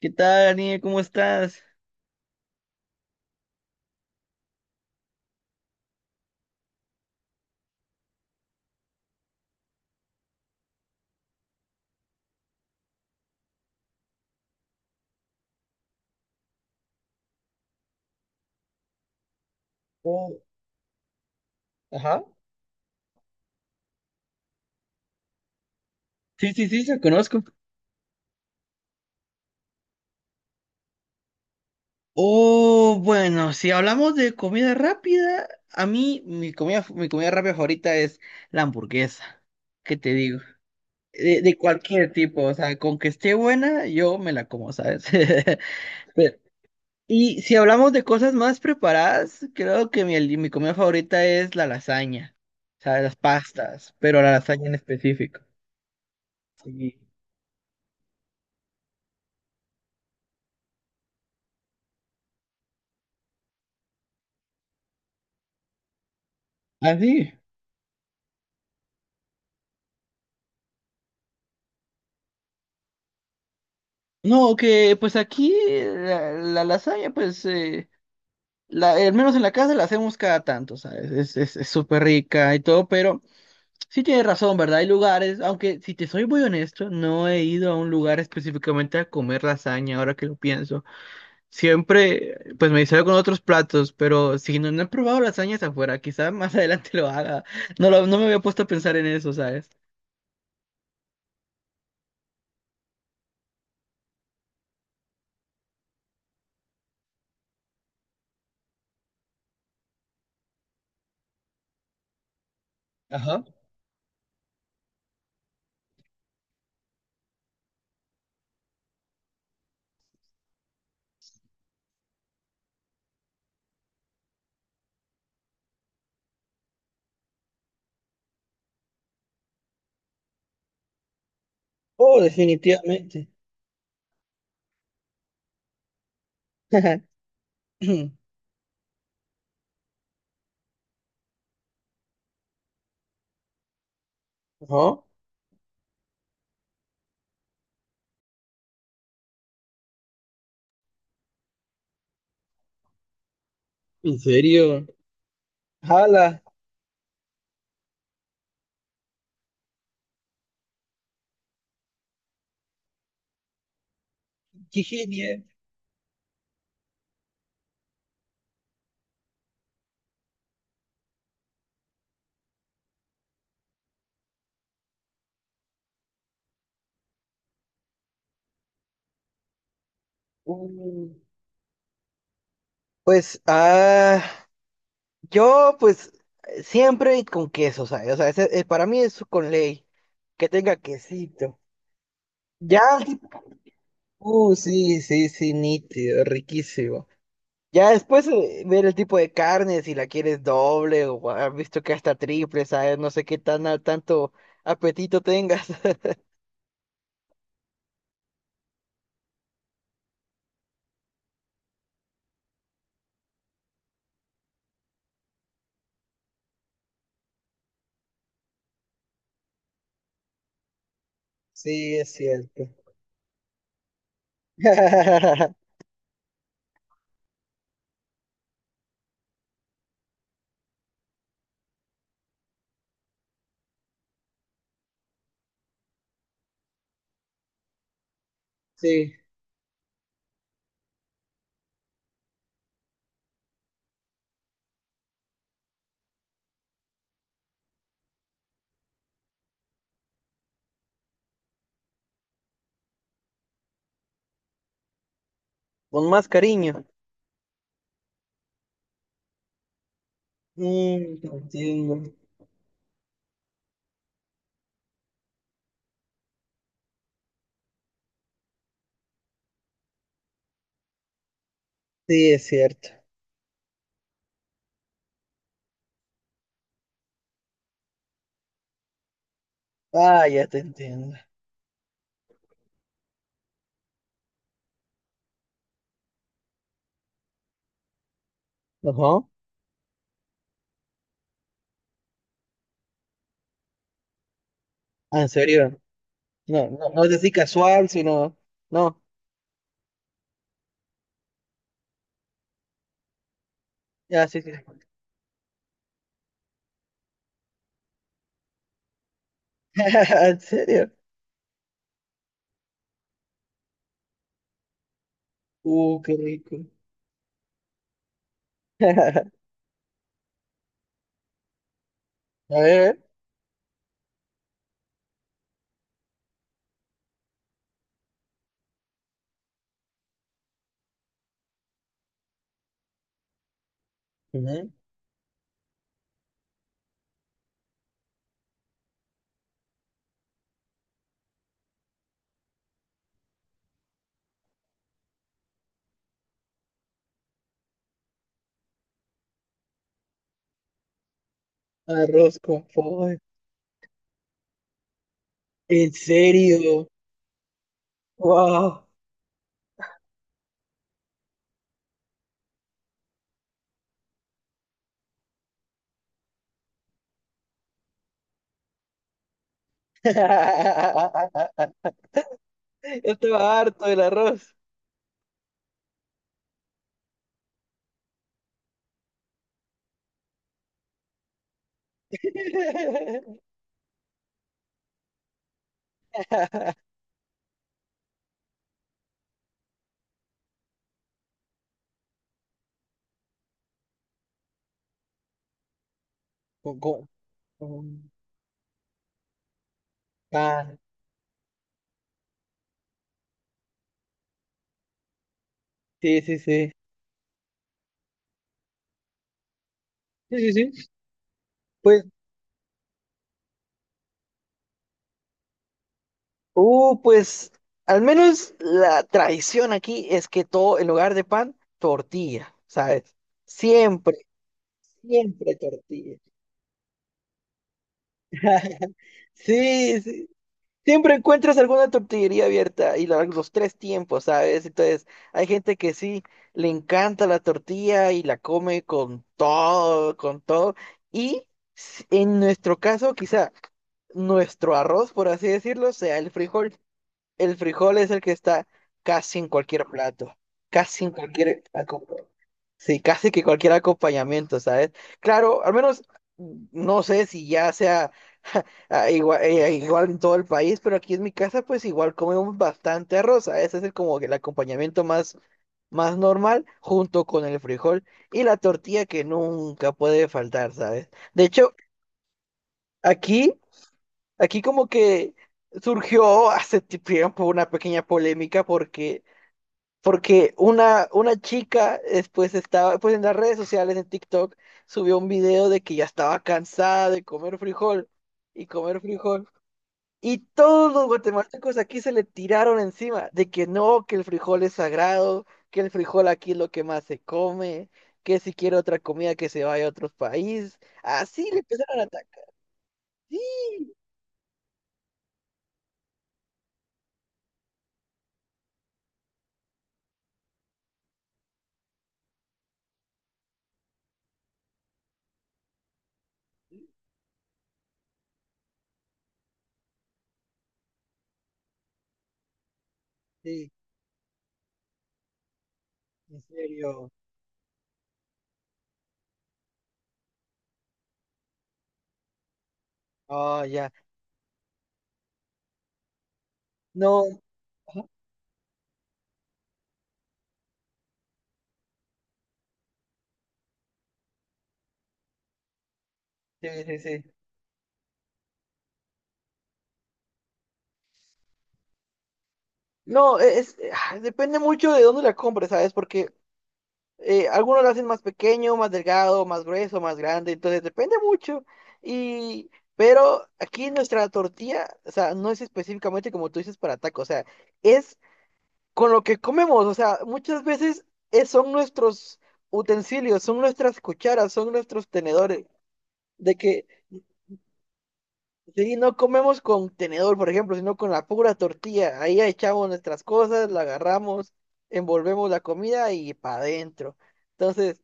¿Qué tal, Daniel? ¿Cómo estás? Oh, ajá. Sí, sí, sí, la conozco. Oh, bueno, si hablamos de comida rápida, a mí mi comida rápida favorita es la hamburguesa. ¿Qué te digo? De cualquier tipo, o sea, con que esté buena, yo me la como, ¿sabes? Pero y si hablamos de cosas más preparadas, creo que mi comida favorita es la lasaña, o sea, las pastas, pero la lasaña en específico. Sí. ¿Ah, sí? No, que pues aquí la lasaña, pues, la, al menos en la casa la hacemos cada tanto, ¿sabes? Es súper rica y todo, pero sí tienes razón, ¿verdad? Hay lugares, aunque si te soy muy honesto, no he ido a un lugar específicamente a comer lasaña, ahora que lo pienso. Siempre, pues me distraigo con otros platos, pero si no, no he probado lasañas afuera, quizás más adelante lo haga. No, no me había puesto a pensar en eso, ¿sabes? Ajá. Oh, definitivamente. Ajá. ¿En serio? Jala, qué genial. Mm, Pues, yo, pues, siempre con queso, ¿sabes? O sea, para mí es con ley, que tenga quesito. Ya, sí, sí, sí, nítido, riquísimo. Ya después ver el tipo de carne, si la quieres doble o has visto que hasta triple, ¿sabes? No sé qué tan tanto apetito tengas. Sí, es cierto. Sí, con más cariño. Te entiendo. Sí, es cierto. Ah, ya te entiendo. Ajá. Ah, en serio. No, no, no es así casual, sino. No. Ya, sí, sí. En serio. Qué rico. A ver. Ujú. Arroz con pollo. En serio. Wow. Yo estaba harto del arroz. Con, con- con pan. Sí, sí, sí. Sí, sí, sí. Pues, pues al menos la tradición aquí es que todo en lugar de pan, tortilla, ¿sabes? Siempre, siempre tortilla. Sí, sí. Siempre encuentras alguna tortillería abierta y los tres tiempos, ¿sabes? Entonces, hay gente que sí le encanta la tortilla y la come con todo, con todo. Y en nuestro caso, quizá nuestro arroz, por así decirlo, sea el frijol. El frijol es el que está casi en cualquier plato, casi en cualquier acompa- sí, casi que cualquier acompañamiento, ¿sabes? Claro, al menos no sé si ya sea igual en todo el país, pero aquí en mi casa pues igual comemos bastante arroz, ¿sabes? Ese es como que el acompañamiento más, más normal junto con el frijol y la tortilla que nunca puede faltar, ¿sabes? De hecho, aquí, aquí como que surgió hace tiempo una pequeña polémica porque una chica después estaba, pues en las redes sociales, en TikTok, subió un video de que ya estaba cansada de comer frijol. Y todos los guatemaltecos aquí se le tiraron encima de que no, que el frijol es sagrado, que el frijol aquí es lo que más se come, que si quiere otra comida que se vaya a otro país. Así le empezaron a atacar. Sí, sí, en serio. Oh, ya. No. Ajá, sí, sí, sí. No, es, depende mucho de dónde la compres, ¿sabes? Porque algunos la hacen más pequeño, más delgado, más grueso, más grande, entonces depende mucho. Y, pero aquí nuestra tortilla, o sea, no es específicamente como tú dices para tacos, o sea, es con lo que comemos, o sea, muchas veces son nuestros utensilios, son nuestras cucharas, son nuestros tenedores, de que sí, no comemos con tenedor, por ejemplo, sino con la pura tortilla. Ahí echamos nuestras cosas, la agarramos, envolvemos la comida y para adentro. Entonces,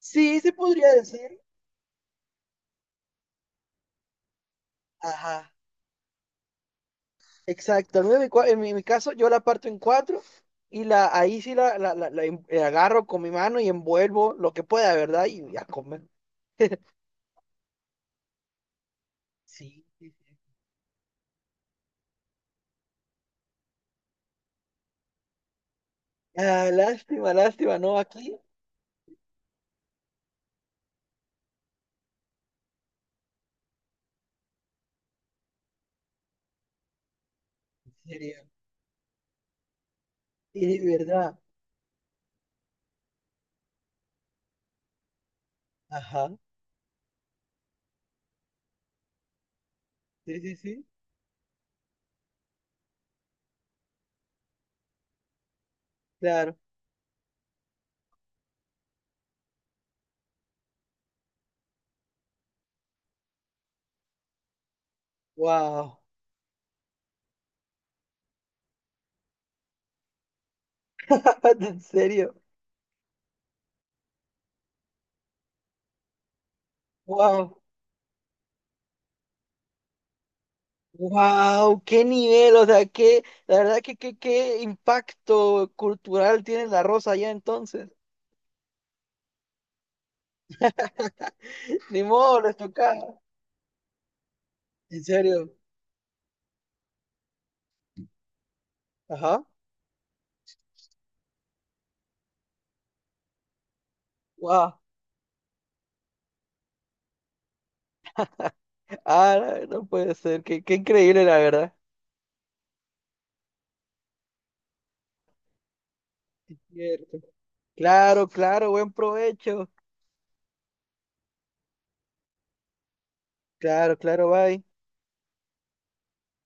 sí, se podría decir. Ajá, exacto. Al menos en mi, cua- en mi caso, yo la parto en cuatro y la, ahí sí la- la en- la agarro con mi mano y envuelvo lo que pueda, ¿verdad? Y a comer. Sí. Ah, lástima, lástima, ¿no? Aquí, en serio. Y de verdad. Ajá. Sí, sí, sí. Claro. Wow. En serio, wow, wow, qué nivel, o sea, qué, la verdad que qué, qué impacto cultural tiene la rosa allá entonces. Ni modo, les tocaba. En serio, ajá, wow, ah, no puede ser, qué, qué increíble la verdad. Cierto. Claro, claro, buen provecho. Claro, claro, bye.